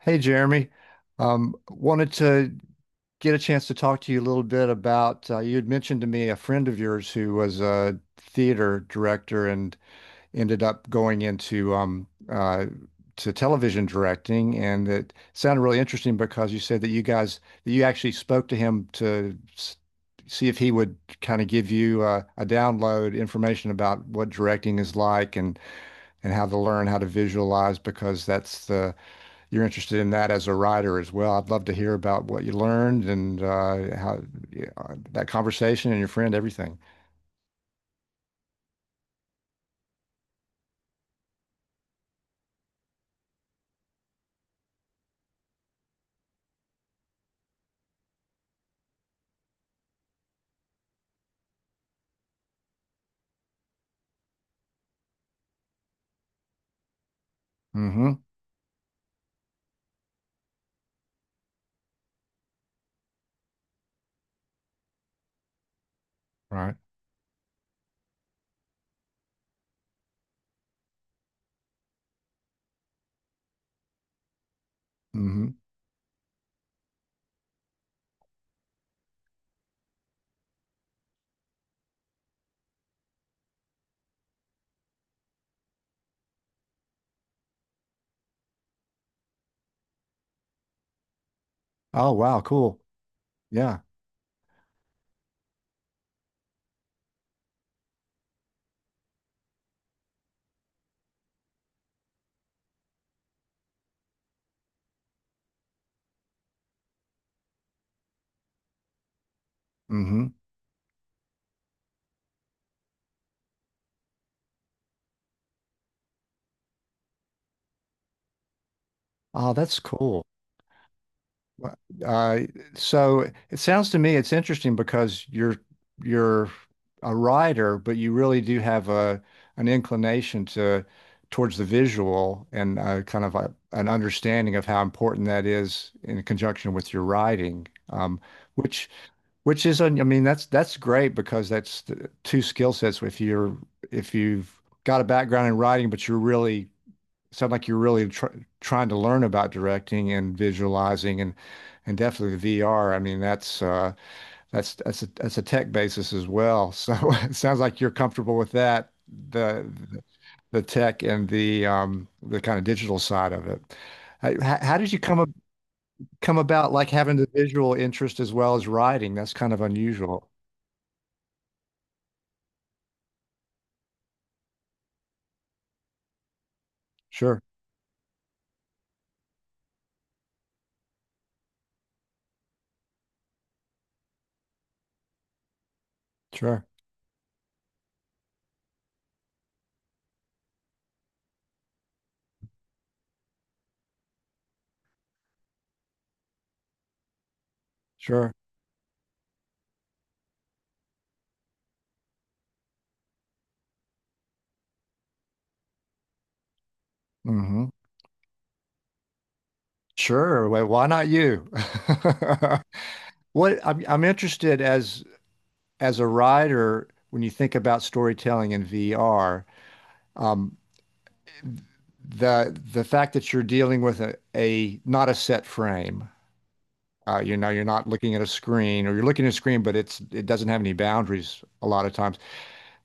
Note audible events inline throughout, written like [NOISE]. Hey Jeremy, wanted to get a chance to talk to you a little bit about you had mentioned to me a friend of yours who was a theater director and ended up going into to television directing, and it sounded really interesting because you said that you guys that you actually spoke to him to see if he would kind of give you a download information about what directing is like and how to learn how to visualize because that's the you're interested in that as a writer as well. I'd love to hear about what you learned and how yeah, that conversation and your friend, everything. Mm-hmm. Right. Mm-hmm. Oh, wow. Cool. Yeah. Mm-hmm. Oh, that's cool. Well, Uh, so it sounds to me it's interesting because you're a writer, but you really do have a an inclination to towards the visual and kind of an understanding of how important that is in conjunction with your writing. Which which is I mean that's great because that's the two skill sets if you're if you've got a background in writing, but you're really sound like you're really tr trying to learn about directing and visualizing and definitely the VR. I mean, that's a tech basis as well. So [LAUGHS] it sounds like you're comfortable with that, the the tech and the kind of digital side of it. How did you come about like having the visual interest as well as writing? That's kind of unusual. Sure, sure, sure. Hmm. Sure. Well, why not you? [LAUGHS] What I'm interested as a writer, when you think about storytelling in VR, um, the fact that you're dealing with a not a set frame, you know, you're not looking at a screen, or you're looking at a screen, but it doesn't have any boundaries a lot of times.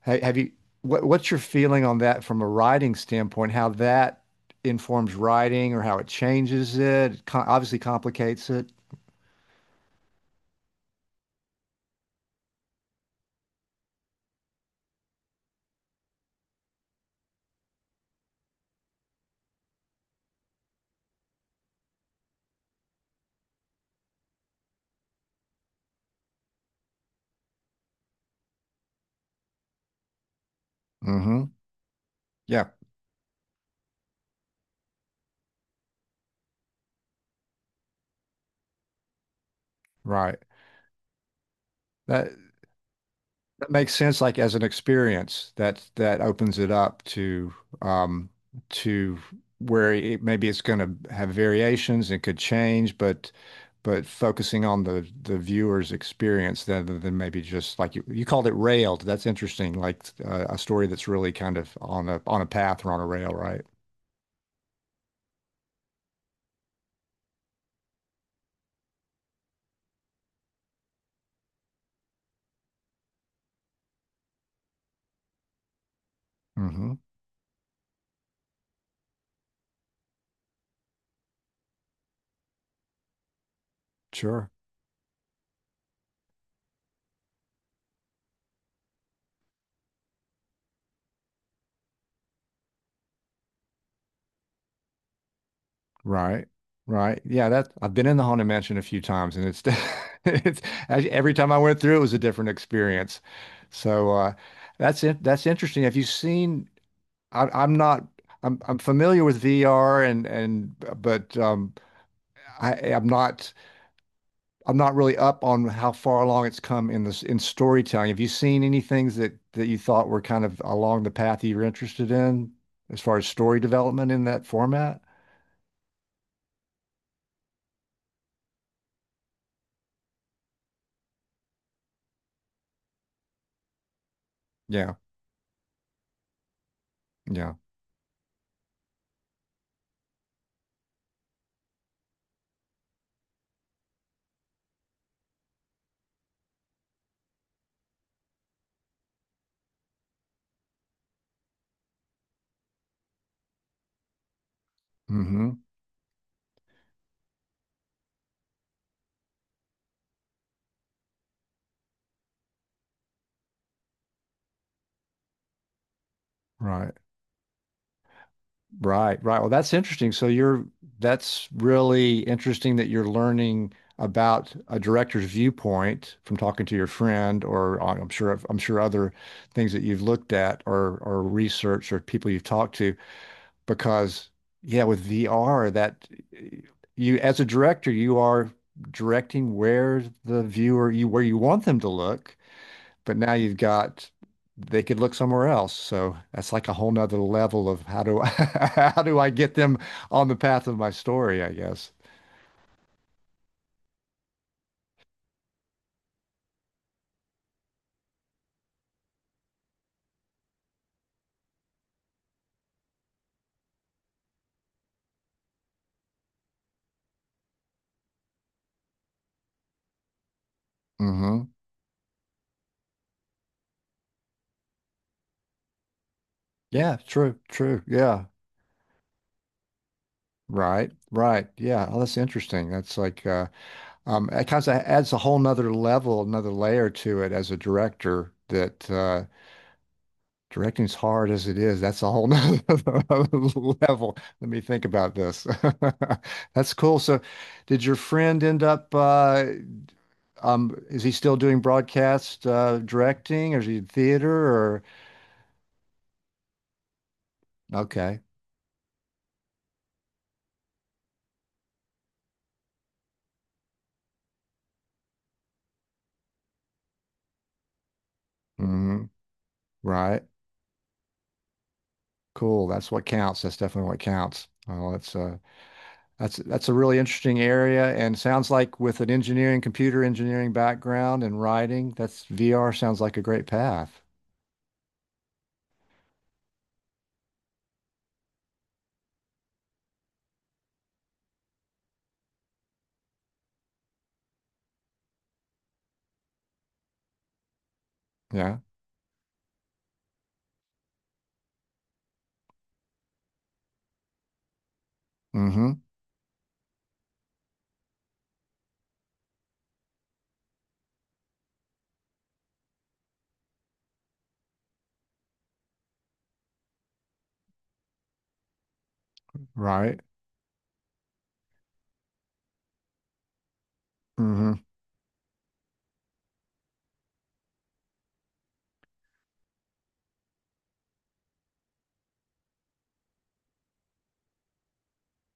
Have you what's your feeling on that from a writing standpoint? How that informs writing, or how it changes it? Obviously complicates it. Hmm. Yeah, right. That That makes sense, like as an experience that that opens it up to um to where it maybe it's going to have variations and could change, but focusing on the viewer's experience rather than maybe just like you called it railed. That's interesting, like a story that's really kind of on a path or on a rail, right? Mm-hmm. Sure. Right. Right. Yeah, that I've been in the Haunted Mansion a few times and it's [LAUGHS] it's actually every time I went through it was a different experience. So that's interesting. Have you seen I I'm not I'm familiar with VR and but I I'm not I'm not really up on how far along it's come in this in storytelling. Have you seen any things that that you thought were kind of along the path you were interested in as far as story development in that format? Yeah. Yeah. Hmm. Right. Right, right. Well, that's interesting. So you're that's really interesting that you're learning about a director's viewpoint from talking to your friend, or I'm sure other things that you've looked at or researched or people you've talked to. Because yeah, with VR, eh, you as a director, you are directing where the viewer you where you want them to look, but now you've got they could look somewhere else. So that's like a whole nother level of how do I, [LAUGHS] how do I get them on the path of my story, I guess. Hmm. Yeah, true, true. Yeah. Right, right. Yeah. Oh, that's interesting. That's like it kind of adds a whole nother level, another layer to it as a director that directing's hard as it is. That's a whole [LAUGHS] nother level. Let me think about this. [LAUGHS] That's cool. So did your friend end up is he still doing broadcast directing, or is he in theater? Or okay, hmm right, cool. That's what counts. That's definitely what counts. Oh, that's that's a really interesting area, and sounds like with an engineering, computer engineering background and writing, that's VR sounds like a great path. Yeah. Hmm. Right. Hmm.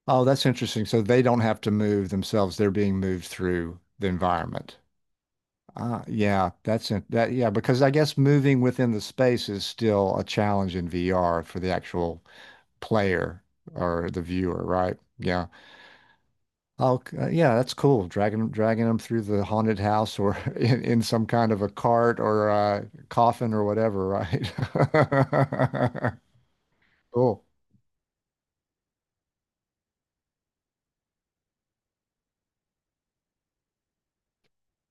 Oh, that's interesting. So they don't have to move themselves; they're being moved through the environment. Yeah, that's it. That, yeah, because I guess moving within the space is still a challenge in VR for the actual player or the viewer, right? Yeah. Oh, yeah, that's cool. Dragging them through the haunted house or [LAUGHS] in some kind of a cart or a coffin or whatever, right? [LAUGHS] Cool.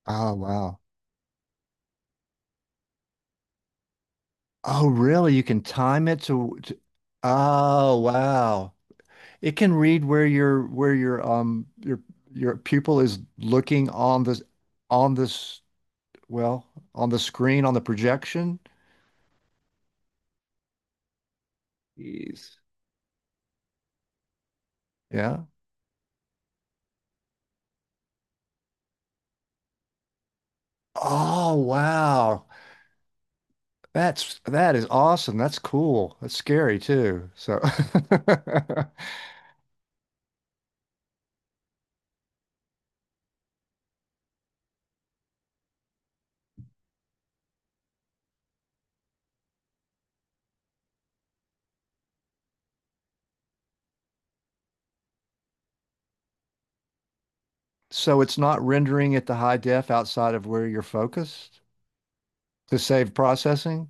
Oh, wow. Oh, really? You can time it oh, wow. It can read where your pupil is looking on this well on the screen on the projection. Jeez. Yeah. Oh wow. That is awesome. That's cool. That's scary too. So [LAUGHS] so it's not rendering at the high def outside of where you're focused to save processing.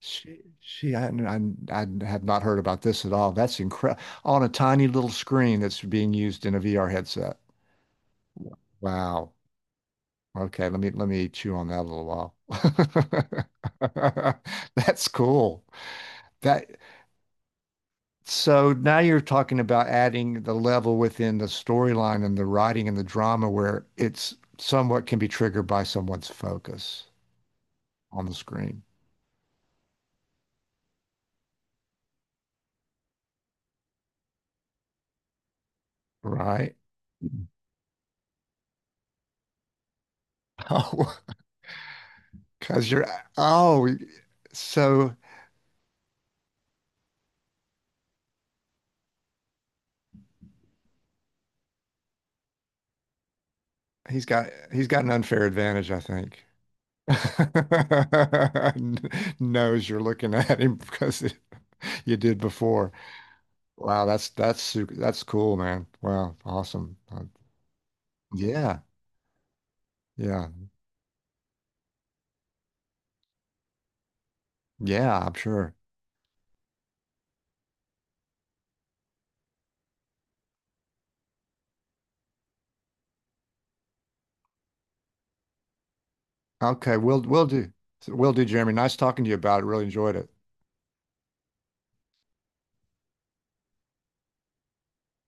She, she, I, I, I have not heard about this at all. That's incredible. On a tiny little screen that's being used in a VR headset. Wow. Okay, let me chew on that a little while. [LAUGHS] That's cool. That So now you're talking about adding the level within the storyline and the writing and the drama where it's somewhat can be triggered by someone's focus on the screen, right? [LAUGHS] Oh, because you're oh, so he's got an unfair advantage, I think. [LAUGHS] Knows you're looking at him [LAUGHS] because you did before. Wow, that's that's cool, man. Wow, awesome. Yeah, yeah, yeah. I'm sure. Okay, we'll do, Jeremy. Nice talking to you about it. Really enjoyed it.